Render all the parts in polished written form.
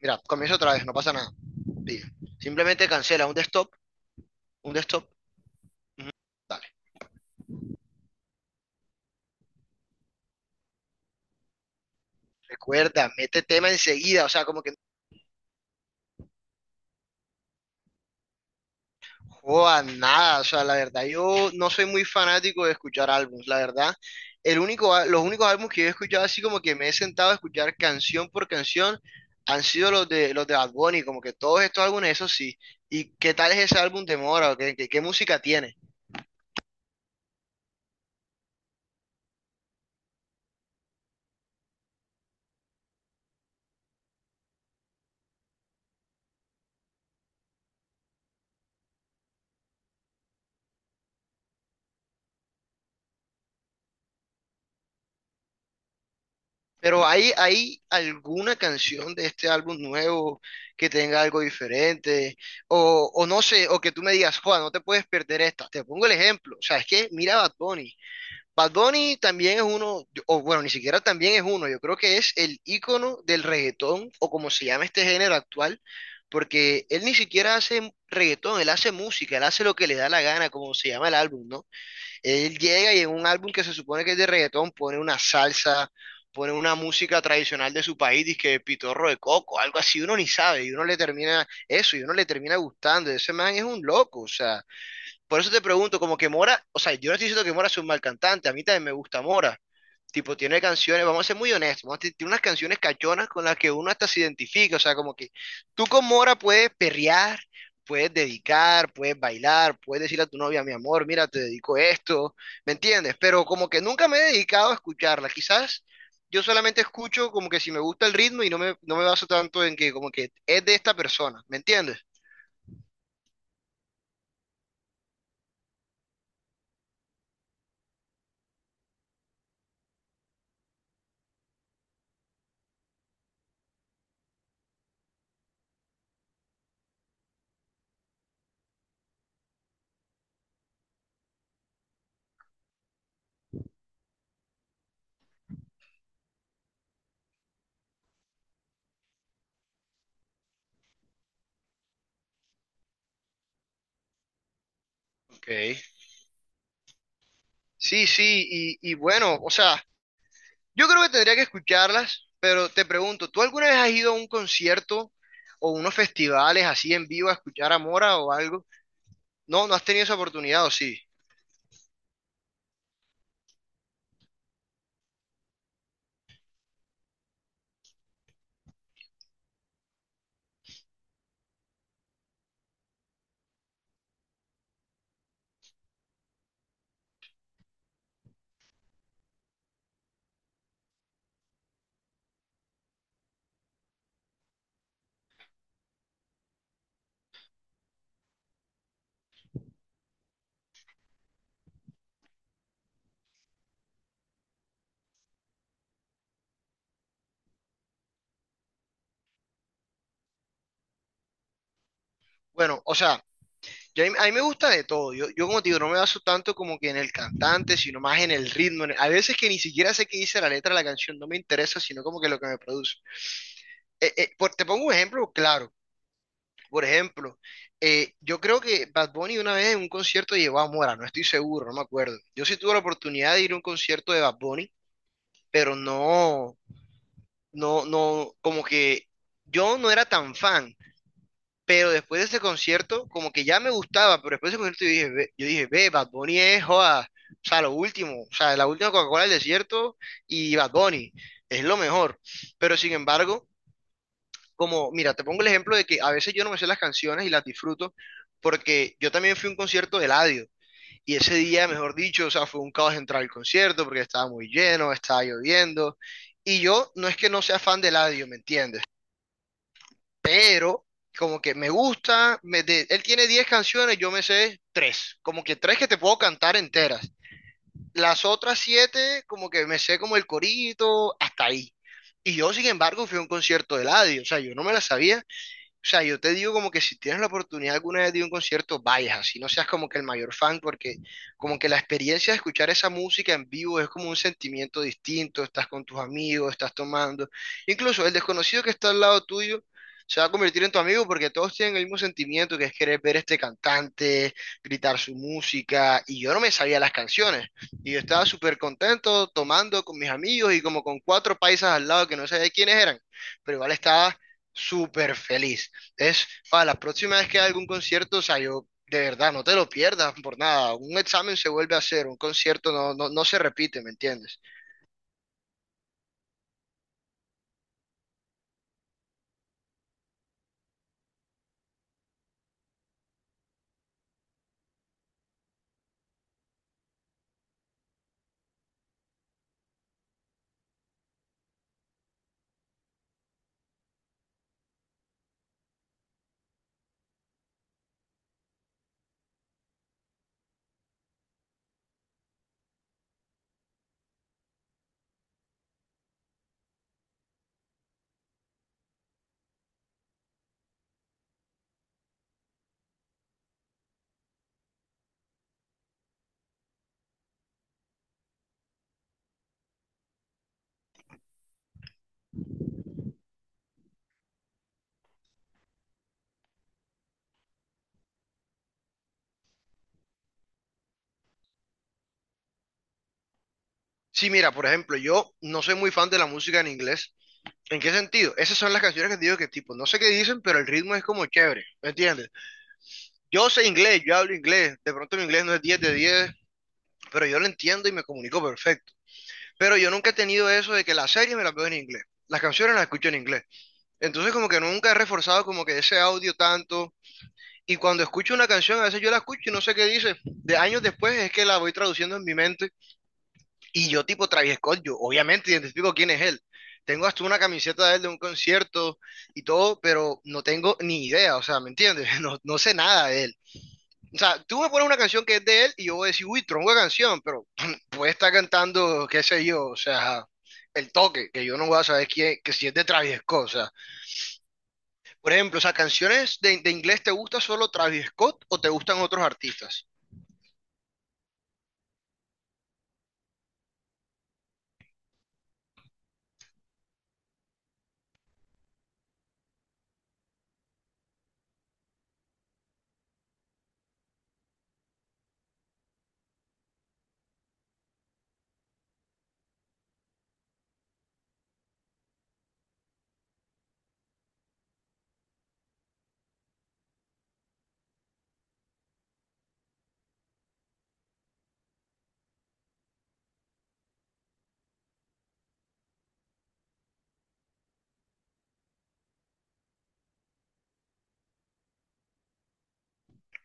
Mira, comienzo otra vez, no pasa nada. Bien, simplemente cancela un desktop, dale. Recuerda, mete tema enseguida, o sea, como que no joda nada, o sea, la verdad, yo no soy muy fanático de escuchar álbumes, la verdad. Los únicos álbumes que yo he escuchado así como que me he sentado a escuchar canción por canción han sido los de Bad Bunny, como que todos estos álbumes, eso sí. ¿Y qué tal es ese álbum de Mora? ¿Qué música tiene? Pero ¿hay alguna canción de este álbum nuevo que tenga algo diferente? O no sé, o que tú me digas, Juan, no te puedes perder esta. Te pongo el ejemplo. O sea, es que mira a Bad Bunny. Bad Bunny también es uno, o bueno, ni siquiera también es uno. Yo creo que es el ícono del reggaetón, o como se llama este género actual, porque él ni siquiera hace reggaetón, él hace música, él hace lo que le da la gana, como se llama el álbum, ¿no? Él llega y en un álbum que se supone que es de reggaetón pone una salsa, pone una música tradicional de su país, dizque pitorro de coco, algo así, uno ni sabe, y uno le termina eso, y uno le termina gustando, ese man es un loco, o sea, por eso te pregunto, como que Mora, o sea, yo no estoy diciendo que Mora sea un mal cantante, a mí también me gusta Mora. Tipo, tiene canciones, vamos a ser muy honestos, vamos a decir, tiene unas canciones cachonas con las que uno hasta se identifica, o sea, como que tú con Mora puedes perrear, puedes dedicar, puedes bailar, puedes decirle a tu novia, mi amor, mira, te dedico esto, ¿me entiendes? Pero como que nunca me he dedicado a escucharla, quizás yo solamente escucho como que si me gusta el ritmo y no me baso tanto en que como que es de esta persona, ¿me entiendes? Ok. Sí, sí, y bueno, o sea... Yo creo que tendría que escucharlas, pero te pregunto, ¿tú alguna vez has ido a un concierto o unos festivales así en vivo a escuchar a Mora o algo? No, no has tenido esa oportunidad, ¿o sí? Bueno, o sea, yo a mí me gusta de todo. Yo como te digo, no me baso tanto como que en el cantante, sino más en el ritmo. Hay veces que ni siquiera sé qué dice la letra de la canción, no me interesa, sino como que lo que me produce. Te pongo un ejemplo claro. Por ejemplo, yo creo que Bad Bunny una vez en un concierto llevó a Mora, no estoy seguro, no me acuerdo. Yo sí tuve la oportunidad de ir a un concierto de Bad Bunny, pero no, no, no, como que yo no era tan fan, pero después de ese concierto, como que ya me gustaba, pero después de ese concierto yo dije, ve, Bad Bunny es, joda, o sea, lo último, o sea, la última Coca-Cola del desierto y Bad Bunny es lo mejor. Pero sin embargo, como, mira, te pongo el ejemplo de que a veces yo no me sé las canciones y las disfruto, porque yo también fui a un concierto de Eladio, y ese día, mejor dicho, o sea, fue un caos entrar al concierto, porque estaba muy lleno, estaba lloviendo, y yo no es que no sea fan de Eladio, ¿me entiendes? Pero como que me gusta, él tiene 10 canciones, yo me sé 3 como que 3 que te puedo cantar enteras. Las otras 7 como que me sé como el corito, hasta ahí. Y yo, sin embargo, fui a un concierto de Eladio, o sea, yo no me la sabía, o sea, yo te digo como que si tienes la oportunidad alguna vez de ir a un concierto, vayas, así no seas como que el mayor fan, porque como que la experiencia de escuchar esa música en vivo es como un sentimiento distinto, estás con tus amigos, estás tomando, incluso el desconocido que está al lado tuyo se va a convertir en tu amigo porque todos tienen el mismo sentimiento que es querer ver a este cantante, gritar su música, y yo no me sabía las canciones, y yo estaba súper contento tomando con mis amigos y como con cuatro paisas al lado que no sabía quiénes eran, pero igual estaba súper feliz. Es para la próxima vez que haya algún concierto, o sea, yo de verdad no te lo pierdas por nada. Un examen se vuelve a hacer, un concierto no, no, no se repite, ¿me entiendes? Sí, mira, por ejemplo, yo no soy muy fan de la música en inglés. ¿En qué sentido? Esas son las canciones que te digo que tipo, no sé qué dicen, pero el ritmo es como chévere, ¿me entiendes? Yo sé inglés, yo hablo inglés, de pronto mi inglés no es 10 de 10, pero yo lo entiendo y me comunico perfecto. Pero yo nunca he tenido eso de que las series me las veo en inglés, las canciones las escucho en inglés. Entonces como que nunca he reforzado como que ese audio tanto. Y cuando escucho una canción, a veces yo la escucho y no sé qué dice. De años después es que la voy traduciendo en mi mente. Y yo, tipo Travis Scott, yo obviamente identifico quién es él. Tengo hasta una camiseta de él de un concierto y todo, pero no tengo ni idea, o sea, ¿me entiendes? No, no sé nada de él. O sea, tú me pones una canción que es de él y yo voy a decir, uy, tronco de canción, pero puede estar cantando, qué sé yo, o sea, el toque, que yo no voy a saber quién, que si es de Travis Scott, o sea. Por ejemplo, o sea, ¿canciones de inglés te gusta solo Travis Scott o te gustan otros artistas?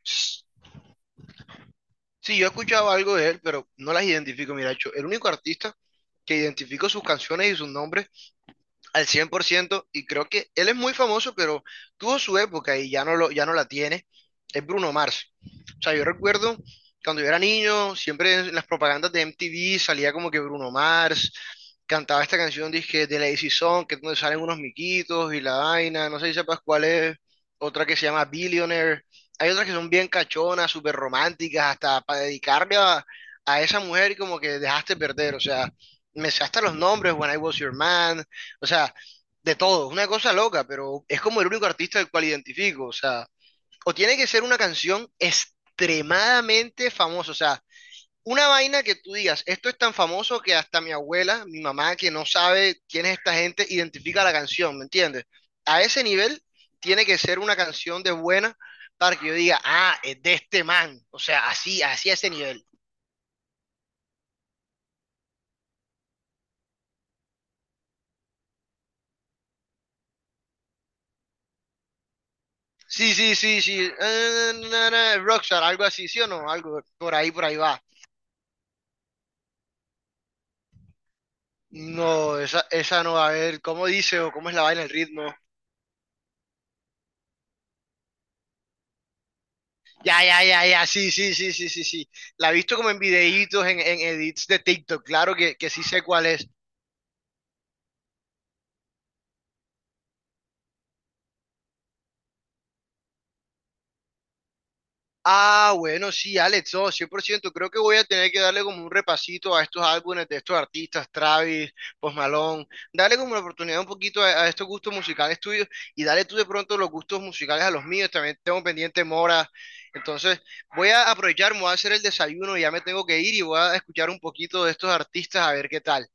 Sí, yo he escuchado algo de él, pero no las identifico. Mira, yo, el único artista que identifico sus canciones y sus nombres al 100% y creo que él es muy famoso, pero tuvo su época y ya no la tiene, es Bruno Mars. O sea, yo recuerdo cuando yo era niño, siempre en las propagandas de MTV salía como que Bruno Mars cantaba esta canción dije de Lazy Song, que es donde salen unos miquitos y la vaina, no sé si sepas cuál es, otra que se llama Billionaire, hay otras que son bien cachonas, súper románticas, hasta para dedicarle a esa mujer y como que dejaste perder, o sea, me sé hasta los nombres, When I Was Your Man, o sea, de todo, es una cosa loca, pero es como el único artista del cual identifico, o sea, o tiene que ser una canción extremadamente famosa, o sea, una vaina que tú digas, esto es tan famoso que hasta mi abuela, mi mamá, que no sabe quién es esta gente, identifica la canción, ¿me entiendes? A ese nivel tiene que ser una canción de buena para que yo diga, ah, es de este man, o sea, así, así a ese nivel. Sí, sí, sí, sí, na, na, Rockstar, algo así, ¿sí o no? Algo por ahí va. No, esa no, a ver, ¿cómo dice o cómo es la vaina, el ritmo? Ya, ya, ya, ya, sí, sí, sí, sí, sí, sí. La he visto como en videitos, en edits de TikTok, claro que sí sé cuál es. Ah, bueno, sí, Alex, no, 100%. Creo que voy a tener que darle como un repasito a estos álbumes de estos artistas, Travis, Post Malone. Darle como la oportunidad un poquito a estos gustos musicales tuyos y dale tú de pronto los gustos musicales a los míos. También tengo pendiente Mora. Entonces, voy a aprovechar, me voy a hacer el desayuno, ya me tengo que ir y voy a escuchar un poquito de estos artistas a ver qué tal.